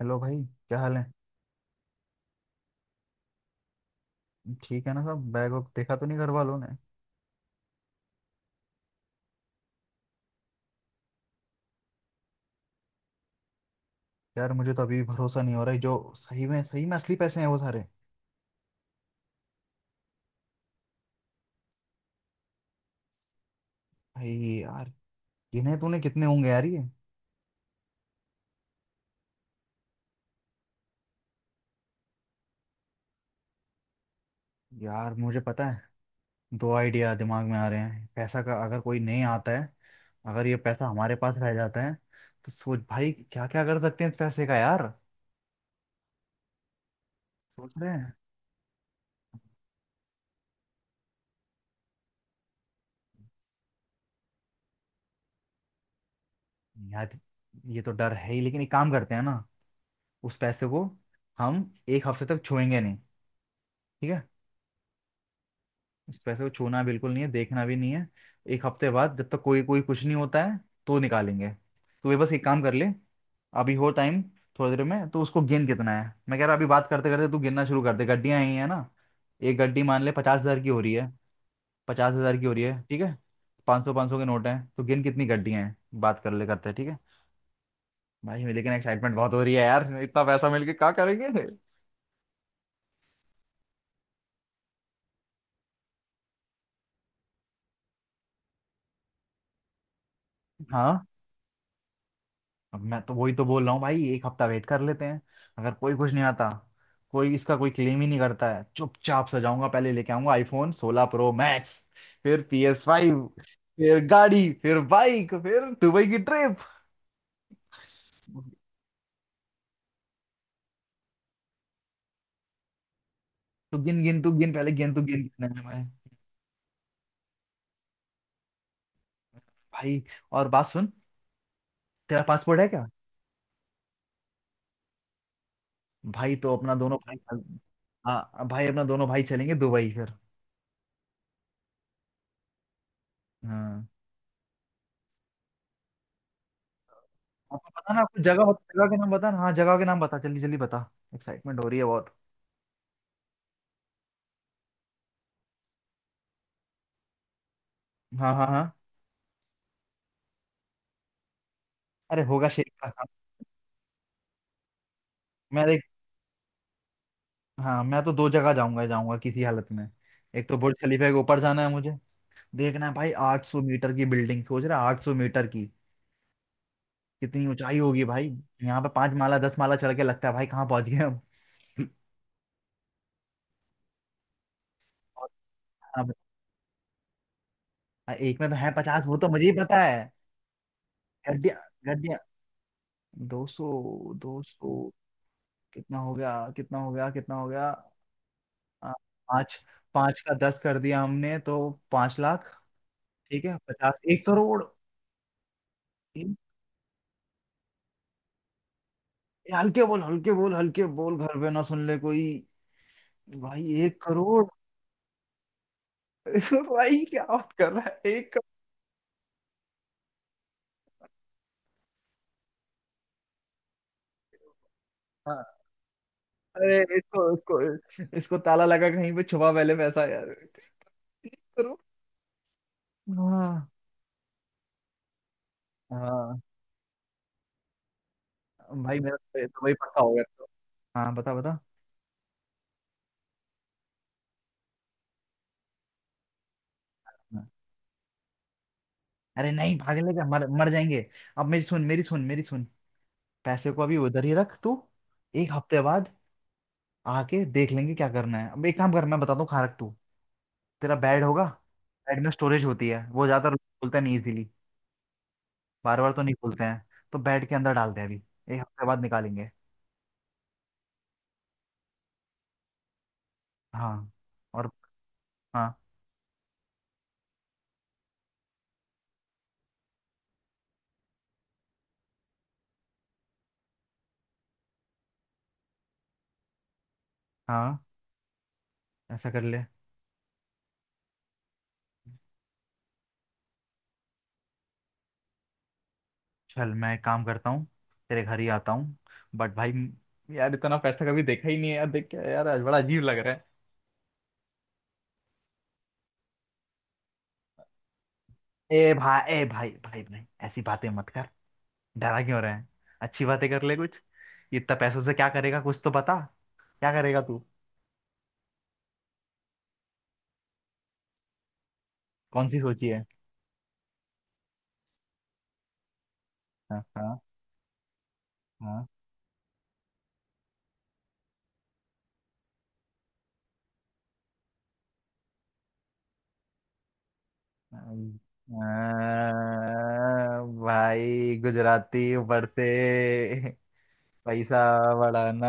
Hello भाई, क्या हाल है? ठीक है ना? सब बैग वैग देखा तो नहीं घर वालों ने? यार मुझे तो अभी भी भरोसा नहीं हो रहा है, जो सही में असली पैसे हैं वो सारे। भाई, यार गिने तूने कितने होंगे यार ये? यार मुझे पता है। दो आइडिया दिमाग में आ रहे हैं पैसा का, अगर कोई नहीं आता है, अगर ये पैसा हमारे पास रह जाता है, तो सोच भाई क्या क्या कर सकते हैं इस पैसे का यार। सोच रहे हैं। यार ये तो डर है ही, लेकिन एक काम करते हैं ना। उस पैसे को हम एक हफ्ते तक छुएंगे नहीं। ठीक है। इस पैसे को छूना बिल्कुल नहीं है, देखना भी नहीं है। एक हफ्ते बाद, जब तक कोई कोई कुछ नहीं होता है, तो निकालेंगे। तो वे बस एक काम कर ले, अभी हो टाइम। थोड़ी देर में तो उसको गिन कितना है, मैं कह रहा अभी बात करते करते तू गिनना शुरू कर दे, गड्डियां आई है ना। एक गड्डी मान ले 50,000 की हो रही है। 50,000 की हो रही है, ठीक है। पाँच सौ के नोट हैं, तो गिन कितनी गड्डियां हैं, बात कर ले, करते हैं, ठीक है। भाई, लेकिन एक्साइटमेंट बहुत हो रही है यार, इतना पैसा मिलके क्या करेंगे? हाँ, अब मैं तो वही तो बोल रहा हूँ भाई, एक हफ्ता वेट कर लेते हैं। अगर कोई कुछ नहीं आता, कोई इसका कोई क्लेम ही नहीं करता है, चुपचाप सजाऊंगा, पहले लेके आऊंगा आईफोन 16 प्रो मैक्स, फिर PS5, फिर गाड़ी, फिर बाइक, फिर दुबई की ट्रिप। तू गिन गिन, तू गिन पहले, गिन तू गिन कितने में, मैं भाई और बात सुन, तेरा पासपोर्ट है क्या? भाई तो अपना दोनों भाई, हाँ भाई अपना दोनों भाई चलेंगे दुबई फिर। हाँ। आपको पता ना, आपको जगह के नाम बता ना, हाँ जगह के नाम बता जल्दी जल्दी बता, एक्साइटमेंट हो रही है बहुत। हाँ, हाँ, हाँ। अरे होगा शेर का, हाँ। मैं एक हाँ मैं तो दो जगह जाऊंगा ही जाऊंगा किसी हालत में। एक तो बुर्ज खलीफा के ऊपर जाना है मुझे, देखना है भाई 800 मीटर की बिल्डिंग, सोच रहा 800 मीटर की, कितनी ऊंचाई होगी भाई। यहाँ पे 5 माला 10 माला चढ़ के लगता है भाई कहाँ पहुंच गए हम। और अब एक में तो है 50, वो तो मुझे ही पता है। गड्डिया, गड्डिया 200, 200? कितना हो गया कितना हो गया कितना हो गया? 5, 5 का 10 कर दिया हमने तो। 5 लाख। ठीक है 50, 1 करोड़। ये हल्के बोल हल्के बोल हल्के बोल, घर पे ना सुन ले कोई। भाई 1 करोड़। भाई क्या बात कर रहा है? 1 करोड़, हाँ। अरे इसको इसको इसको ताला लगा कहीं पे छुपा पहले पैसा यार, 1 करोड़। हाँ। हाँ भाई, मेरा तो, ये तो भाई पक्का हो गया तो। हाँ बता बता। हाँ। अरे नहीं भागले क्या, मर मर जाएंगे। अब मेरी सुन मेरी सुन मेरी सुन, पैसे को अभी उधर ही रख तू। एक हफ्ते बाद आके देख लेंगे क्या करना है, अब एक काम कर मैं बताता हूँ, खा रख तू। तेरा बेड होगा, बैड में स्टोरेज होती है, वो ज्यादातर बोलते नहीं इजीली, बार बार तो नहीं बोलते हैं। तो बैड के अंदर डालते हैं अभी, एक हफ्ते बाद निकालेंगे। हाँ। और हाँ, हाँ, ऐसा कर ले। चल मैं एक काम करता हूँ, तेरे घर ही आता हूँ। बट भाई, यार इतना पैसा कभी देखा ही नहीं है यार, देख के यार आज बड़ा अजीब लग रहा है। ए भाई, ए भाई, भाई, भाई, ऐसी बातें मत कर, डरा क्यों रहे हैं? अच्छी बातें कर ले कुछ, इतना पैसों से क्या करेगा कुछ तो बता, क्या करेगा तू? कौन सी सोची है? हाँ, हाँ, हाँ। हाँ। भाई गुजराती ऊपर से पैसा बढ़ाना,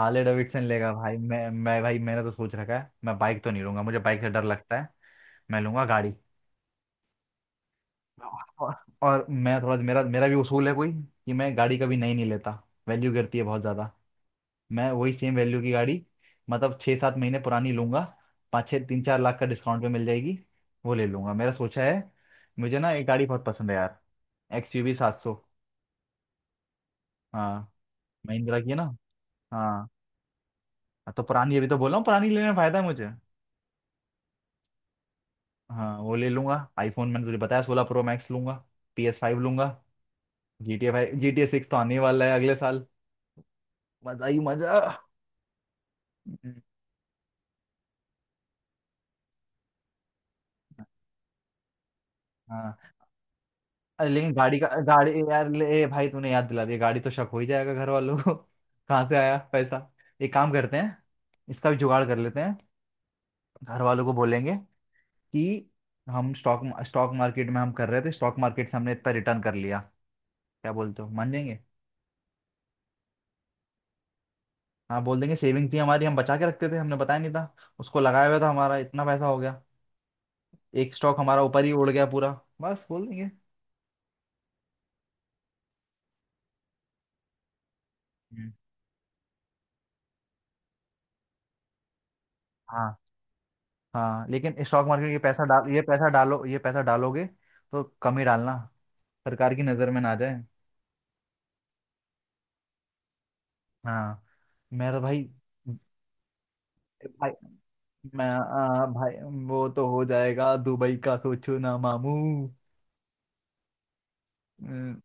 हार्ले डेविडसन लेगा भाई। मैं भाई, मैंने तो सोच रखा है मैं बाइक तो नहीं लूंगा, मुझे बाइक से डर लगता है। मैं लूंगा गाड़ी। और, और मैं थोड़ा, मेरा मेरा भी उसूल है कोई, कि मैं गाड़ी कभी नई नहीं लेता, वैल्यू गिरती है बहुत ज्यादा। मैं वही सेम वैल्यू की गाड़ी, मतलब छः सात महीने पुरानी लूंगा, पाँच छः तीन चार लाख का डिस्काउंट पे मिल जाएगी, वो ले लूंगा, मेरा सोचा है। मुझे ना एक गाड़ी बहुत पसंद है यार, एक्सयूवी 700। हाँ। महिंद्रा की है ना? हाँ तो पुरानी, अभी तो बोल रहा हूँ पुरानी लेने में फायदा है मुझे। हाँ, वो ले लूंगा, आईफोन मैंने तुझे बताया 16 प्रो मैक्स लूंगा, PS5 लूंगा, GTA 5 GTA 6 तो आने ही वाला है अगले साल, मजा ही मजा। हाँ। अरे लेकिन गाड़ी का, गाड़ी यार ले भाई, तूने याद दिला दिया, गाड़ी तो शक हो ही जाएगा घर वालों को, कहाँ से आया पैसा। एक काम करते हैं, इसका भी जुगाड़ कर लेते हैं। घर वालों को बोलेंगे कि हम स्टॉक स्टॉक मार्केट में हम कर रहे थे, स्टॉक मार्केट से हमने इतना रिटर्न कर लिया, क्या बोलते हो, मान जाएंगे। हाँ बोल देंगे, सेविंग थी हमारी, हम बचा के रखते थे, हमने बताया नहीं था, उसको लगाया हुआ था हमारा, इतना पैसा हो गया, एक स्टॉक हमारा ऊपर ही उड़ गया पूरा, बस बोल देंगे। हम्म। हाँ, हाँ, लेकिन स्टॉक मार्केट, ये पैसा डाल, ये पैसा डालो, ये पैसा डालोगे, तो कम ही डालना, सरकार की नजर में ना जाए। हाँ। मैं तो भाई, भाई मैं भाई, वो तो हो जाएगा, दुबई का सोचो ना मामू। अम,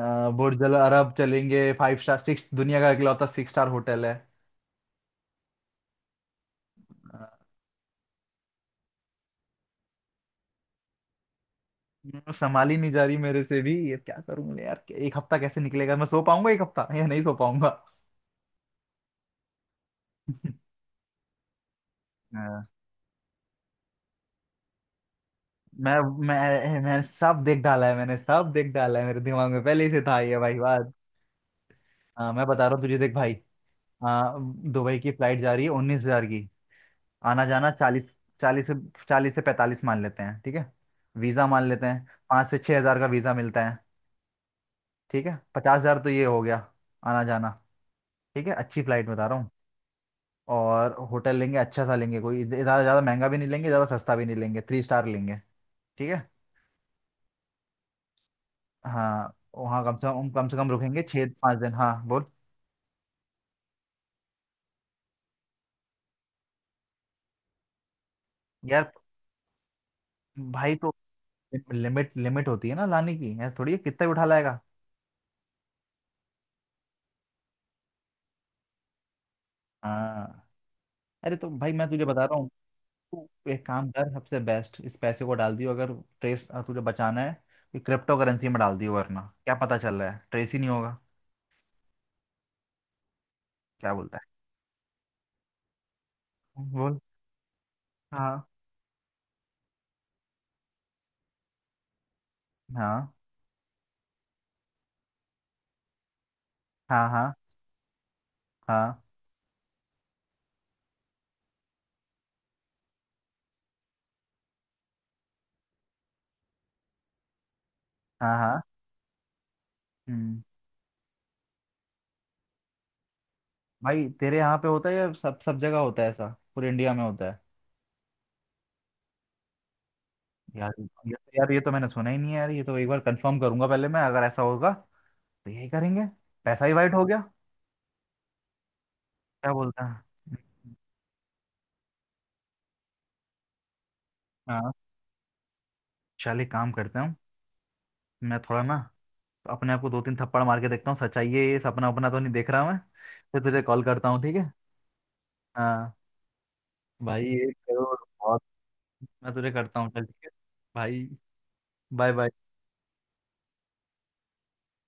बुर्ज अल अरब चलेंगे, फाइव स्टार सिक्स, दुनिया का इकलौता सिक्स स्टार होटल है। आ, संभाल ही नहीं जा रही मेरे से भी, ये क्या करूंगा यार, एक हफ्ता कैसे निकलेगा, मैं सो पाऊंगा एक हफ्ता या नहीं सो पाऊंगा। हाँ। मैं मैं सब देख डाला है, मैंने सब देख डाला है, मेरे दिमाग में पहले ही से था ये भाई बात। हाँ, मैं बता रहा हूँ तुझे देख भाई। हाँ। दुबई की फ्लाइट जा रही है 19,000 की, आना जाना 40, चालीस से चालीस से 45 मान लेते हैं, ठीक है। वीज़ा मान लेते हैं, पाँच से छः हजार का वीज़ा मिलता है, ठीक है, 50,000 तो ये हो गया आना जाना, ठीक है, अच्छी फ्लाइट बता रहा हूँ। और होटल लेंगे, अच्छा सा लेंगे, कोई ज़्यादा ज़्यादा महंगा भी नहीं लेंगे, ज़्यादा सस्ता भी नहीं लेंगे, थ्री स्टार लेंगे, ठीक है। हाँ। वहाँ कम से कम रुकेंगे छः पाँच दिन, हाँ बोल। यार भाई, तो लिमिट लिमिट होती है ना लाने की, ऐसा थोड़ी है कितना भी उठा लाएगा। हाँ। अरे तो भाई मैं तुझे बता रहा हूँ, तू एक काम कर, सबसे बेस्ट इस पैसे को डाल दियो, अगर ट्रेस तुझे बचाना है तो क्रिप्टो करेंसी में डाल दियो, वरना क्या पता चल रहा है, ट्रेस ही नहीं होगा। क्या बोलता है बोल। हाँ, हाँ, हाँ, हाँ, हाँ, हाँ, हाँ। हम्म। भाई तेरे यहाँ पे होता है या सब सब जगह होता है ऐसा, पूरे इंडिया में होता है? यार तो, यार ये तो मैंने सुना ही नहीं है यार, ये तो एक बार कंफर्म करूंगा पहले मैं, अगर ऐसा होगा तो यही करेंगे। पैसा ही वाइट हो गया, क्या बोलता है? हाँ। चल एक काम करता हूँ, मैं थोड़ा ना अपने आप को दो तीन थप्पड़ मार के देखता हूँ, सच्चाई है ये, सपना अपना तो नहीं देख रहा मैं। फिर तुझे कॉल करता हूँ, ठीक है। हाँ। भाई 1 करोड़ बहुत, मैं तुझे करता हूँ, चल ठीक है, भाई, बाय बाय।